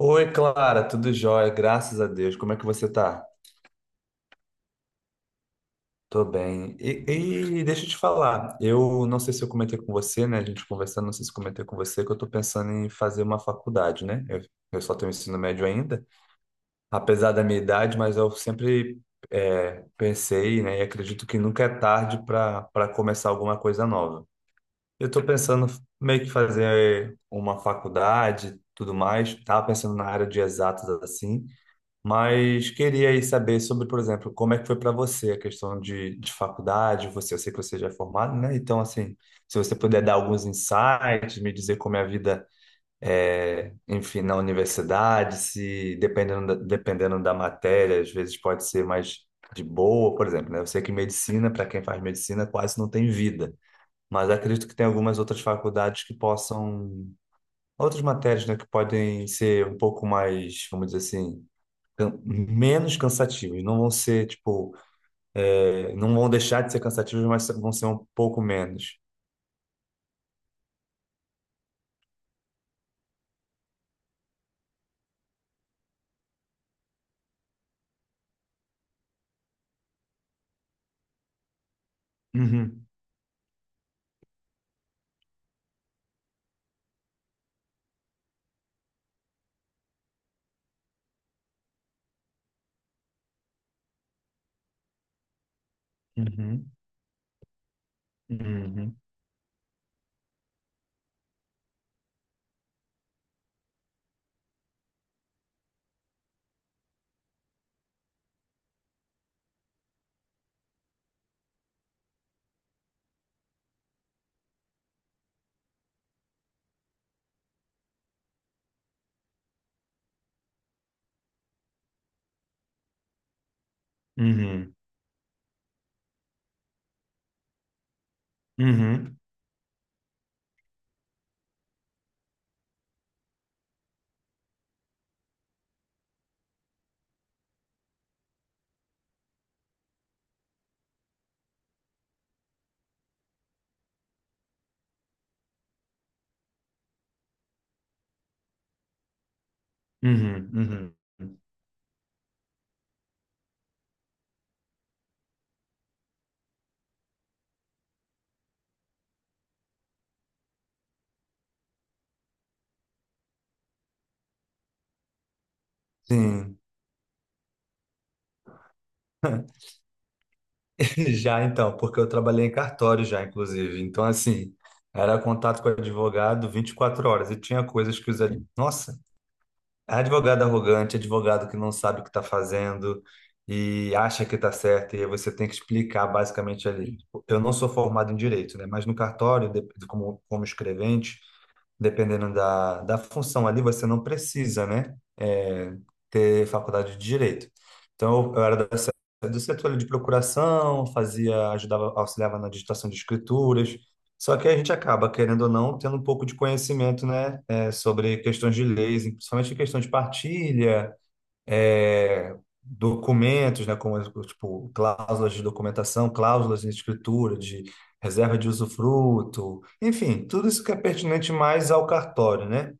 Oi, Clara, tudo jóia, graças a Deus. Como é que você tá? Tô bem. E deixa eu te falar, eu não sei se eu comentei com você, né? A gente conversando, não sei se eu comentei com você, que eu tô pensando em fazer uma faculdade, né? Eu só tenho ensino médio ainda, apesar da minha idade, mas eu sempre pensei, né? E acredito que nunca é tarde para começar alguma coisa nova. Eu tô pensando meio que fazer uma faculdade, tudo mais. Tava pensando na área de exatas assim. Mas queria aí saber sobre, por exemplo, como é que foi para você a questão de faculdade. Você, eu sei que você já é formado, né? Então, assim, se você puder dar alguns insights, me dizer como é a vida, enfim, na universidade, se dependendo da matéria, às vezes pode ser mais de boa, por exemplo, né? Eu sei que medicina, para quem faz medicina, quase não tem vida. Mas acredito que tem algumas outras faculdades que possam, outras matérias, né, que podem ser um pouco mais, vamos dizer assim menos cansativos. Não vão ser, tipo, não vão deixar de ser cansativos, mas vão ser um pouco menos. Uhum, uhum, uhum, uhum, uhum, uhum, uhum. Sim, já então, porque eu trabalhei em cartório já, inclusive. Então, assim, era contato com o advogado 24 horas e tinha coisas que Nossa, advogado arrogante, advogado que não sabe o que está fazendo e acha que está certo, e aí você tem que explicar basicamente ali. Tipo, eu não sou formado em direito, né? Mas no cartório, como, como escrevente, dependendo da função ali, você não precisa, né, é, ter faculdade de direito. Então, eu era da se- do setor ali de procuração, fazia, ajudava, auxiliava na digitação de escrituras. Só que a gente acaba, querendo ou não, tendo um pouco de conhecimento, né, é, sobre questões de leis, principalmente questão de partilha, é, documentos, né, como, tipo, cláusulas de documentação, cláusulas de escritura, de reserva de usufruto, enfim, tudo isso que é pertinente mais ao cartório, né?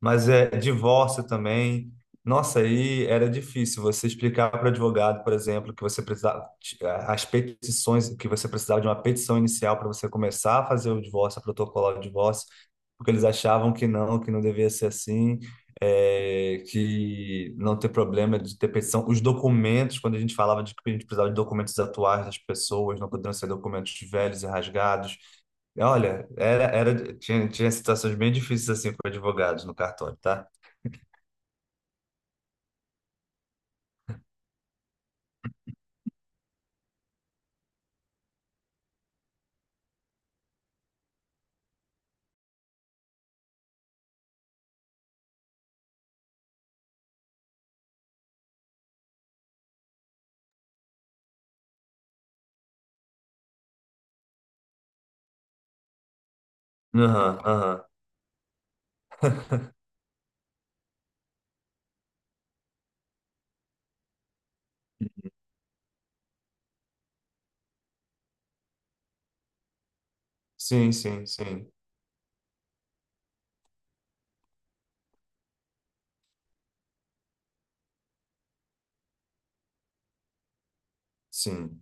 Mas é divórcio também. Nossa, aí era difícil você explicar para o advogado, por exemplo, que você precisava as petições, que você precisava de uma petição inicial para você começar a fazer o divórcio, a protocolar o divórcio, porque eles achavam que não devia ser assim, é, que não ter problema de ter petição. Os documentos, quando a gente falava de que a gente precisava de documentos atuais das pessoas, não poderiam ser documentos velhos e rasgados. Olha, tinha situações bem difíceis assim com advogados no cartório, tá? Aham, aham. Sim, sim, sim, sim.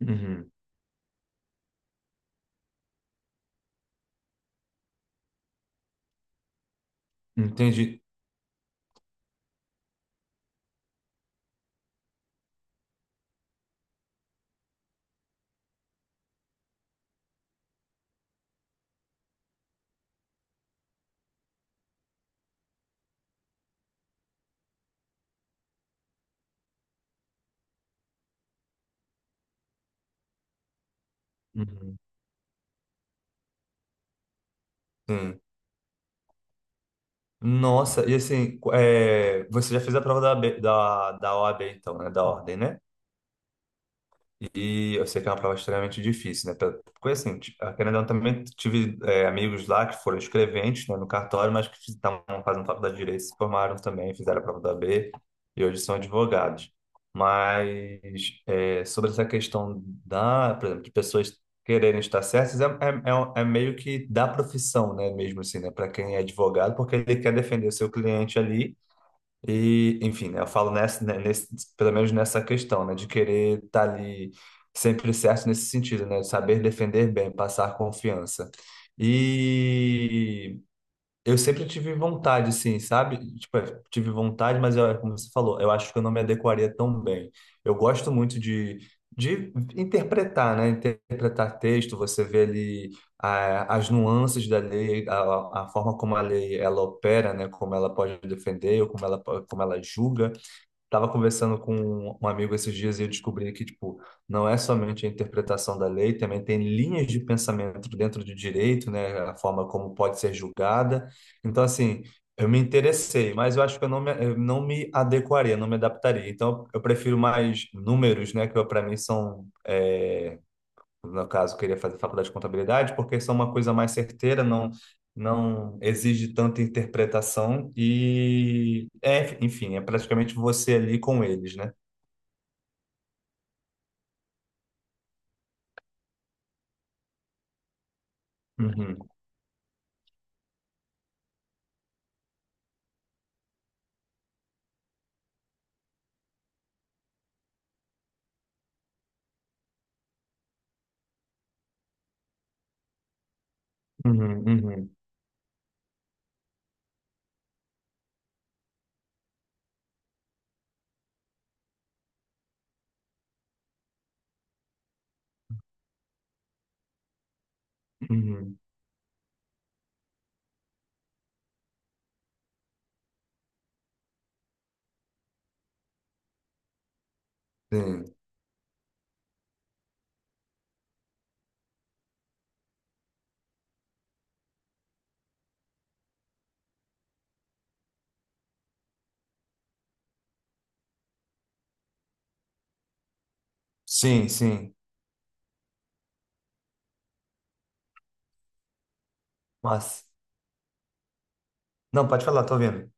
Uhum. Entendi. Uhum. Sim. Nossa, e assim, é, você já fez a prova da, OAB da OAB, então, né? Da ordem, né? E eu sei que é uma prova extremamente difícil, né? Porque assim, querendo ou não, também tive é, amigos lá que foram escreventes, né, no cartório, mas que estavam fazendo faculdade de Direito, se formaram também, fizeram a prova da OAB e hoje são advogados. Mas é, sobre essa questão da, por exemplo, de pessoas quererem estar certas, é é meio que da profissão, né? Mesmo assim, né? Para quem é advogado, porque ele quer defender o seu cliente ali e, enfim, né, eu falo nesse, pelo menos nessa questão, né, de querer estar ali sempre certo nesse sentido, né, de saber defender bem, passar confiança. E eu sempre tive vontade, assim, sabe? Tipo, é, tive vontade, mas é como você falou, eu acho que eu não me adequaria tão bem. Eu gosto muito de interpretar, né? Interpretar texto, você vê ali, ah, as nuances da lei, a forma como a lei ela opera, né? Como ela pode defender, ou como ela julga. Tava conversando com um amigo esses dias e eu descobri que, tipo, não é somente a interpretação da lei, também tem linhas de pensamento dentro do direito, né? A forma como pode ser julgada. Então, assim, eu me interessei, mas eu acho que eu não me adequaria, não me adaptaria. Então, eu prefiro mais números, né? Que para mim são, é, no caso, queria fazer faculdade de contabilidade, porque isso é uma coisa mais certeira, não exige tanta interpretação e, é, enfim, é praticamente você ali com eles, né? Uhum, uhum, uhum, uhum. Sim, sim. Nossa. Não, pode falar, tô ouvindo.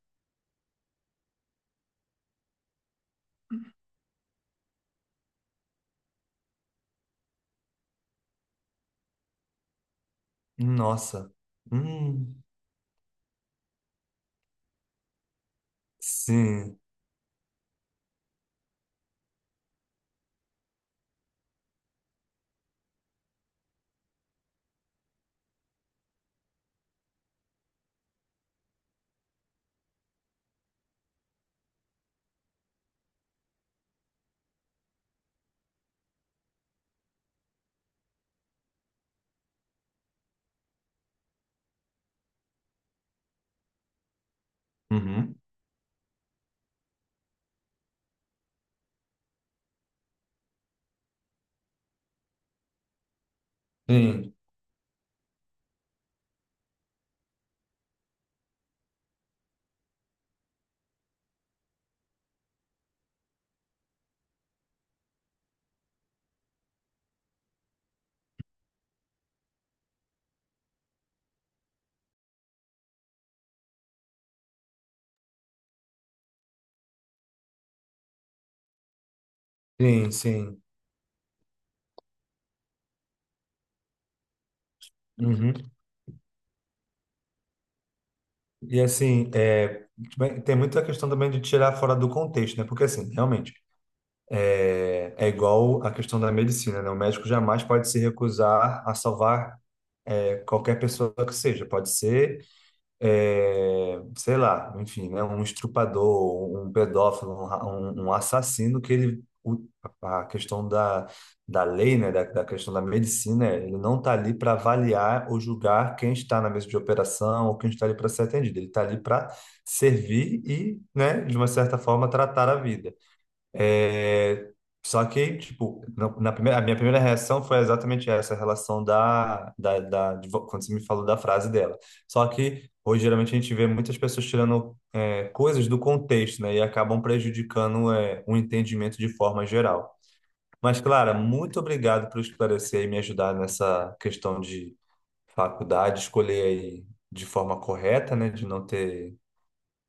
Nossa. Hum, sim. Uhum. Sim, sim. Uhum. E assim, é, tem muita a questão também de tirar fora do contexto, né? Porque assim, realmente, é é igual a questão da medicina, né? O médico jamais pode se recusar a salvar é, qualquer pessoa que seja. Pode ser, é, sei lá, enfim, né? Um estrupador, um pedófilo, um assassino que a questão da, da lei, né? Da questão da medicina, ele não está ali para avaliar ou julgar quem está na mesa de operação ou quem está ali para ser atendido. Ele está ali para servir e, né? De uma certa forma, tratar a vida. É, só que, tipo, na primeira, a minha primeira reação foi exatamente essa, a relação quando você me falou da frase dela. Só que hoje, geralmente, a gente vê muitas pessoas tirando é, coisas do contexto, né? E acabam prejudicando é, o entendimento de forma geral. Mas, Clara, muito obrigado por esclarecer e me ajudar nessa questão de faculdade, escolher aí de forma correta, né? De não ter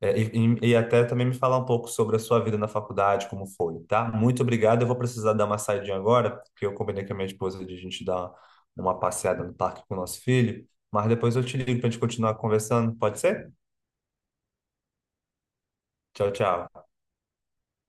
é, e até também me falar um pouco sobre a sua vida na faculdade, como foi, tá? Muito obrigado. Eu vou precisar dar uma saidinha agora, porque eu combinei com a minha esposa de a gente dar uma passeada no parque com o nosso filho. Mas depois eu te ligo para a gente continuar conversando, pode ser? Tchau, tchau.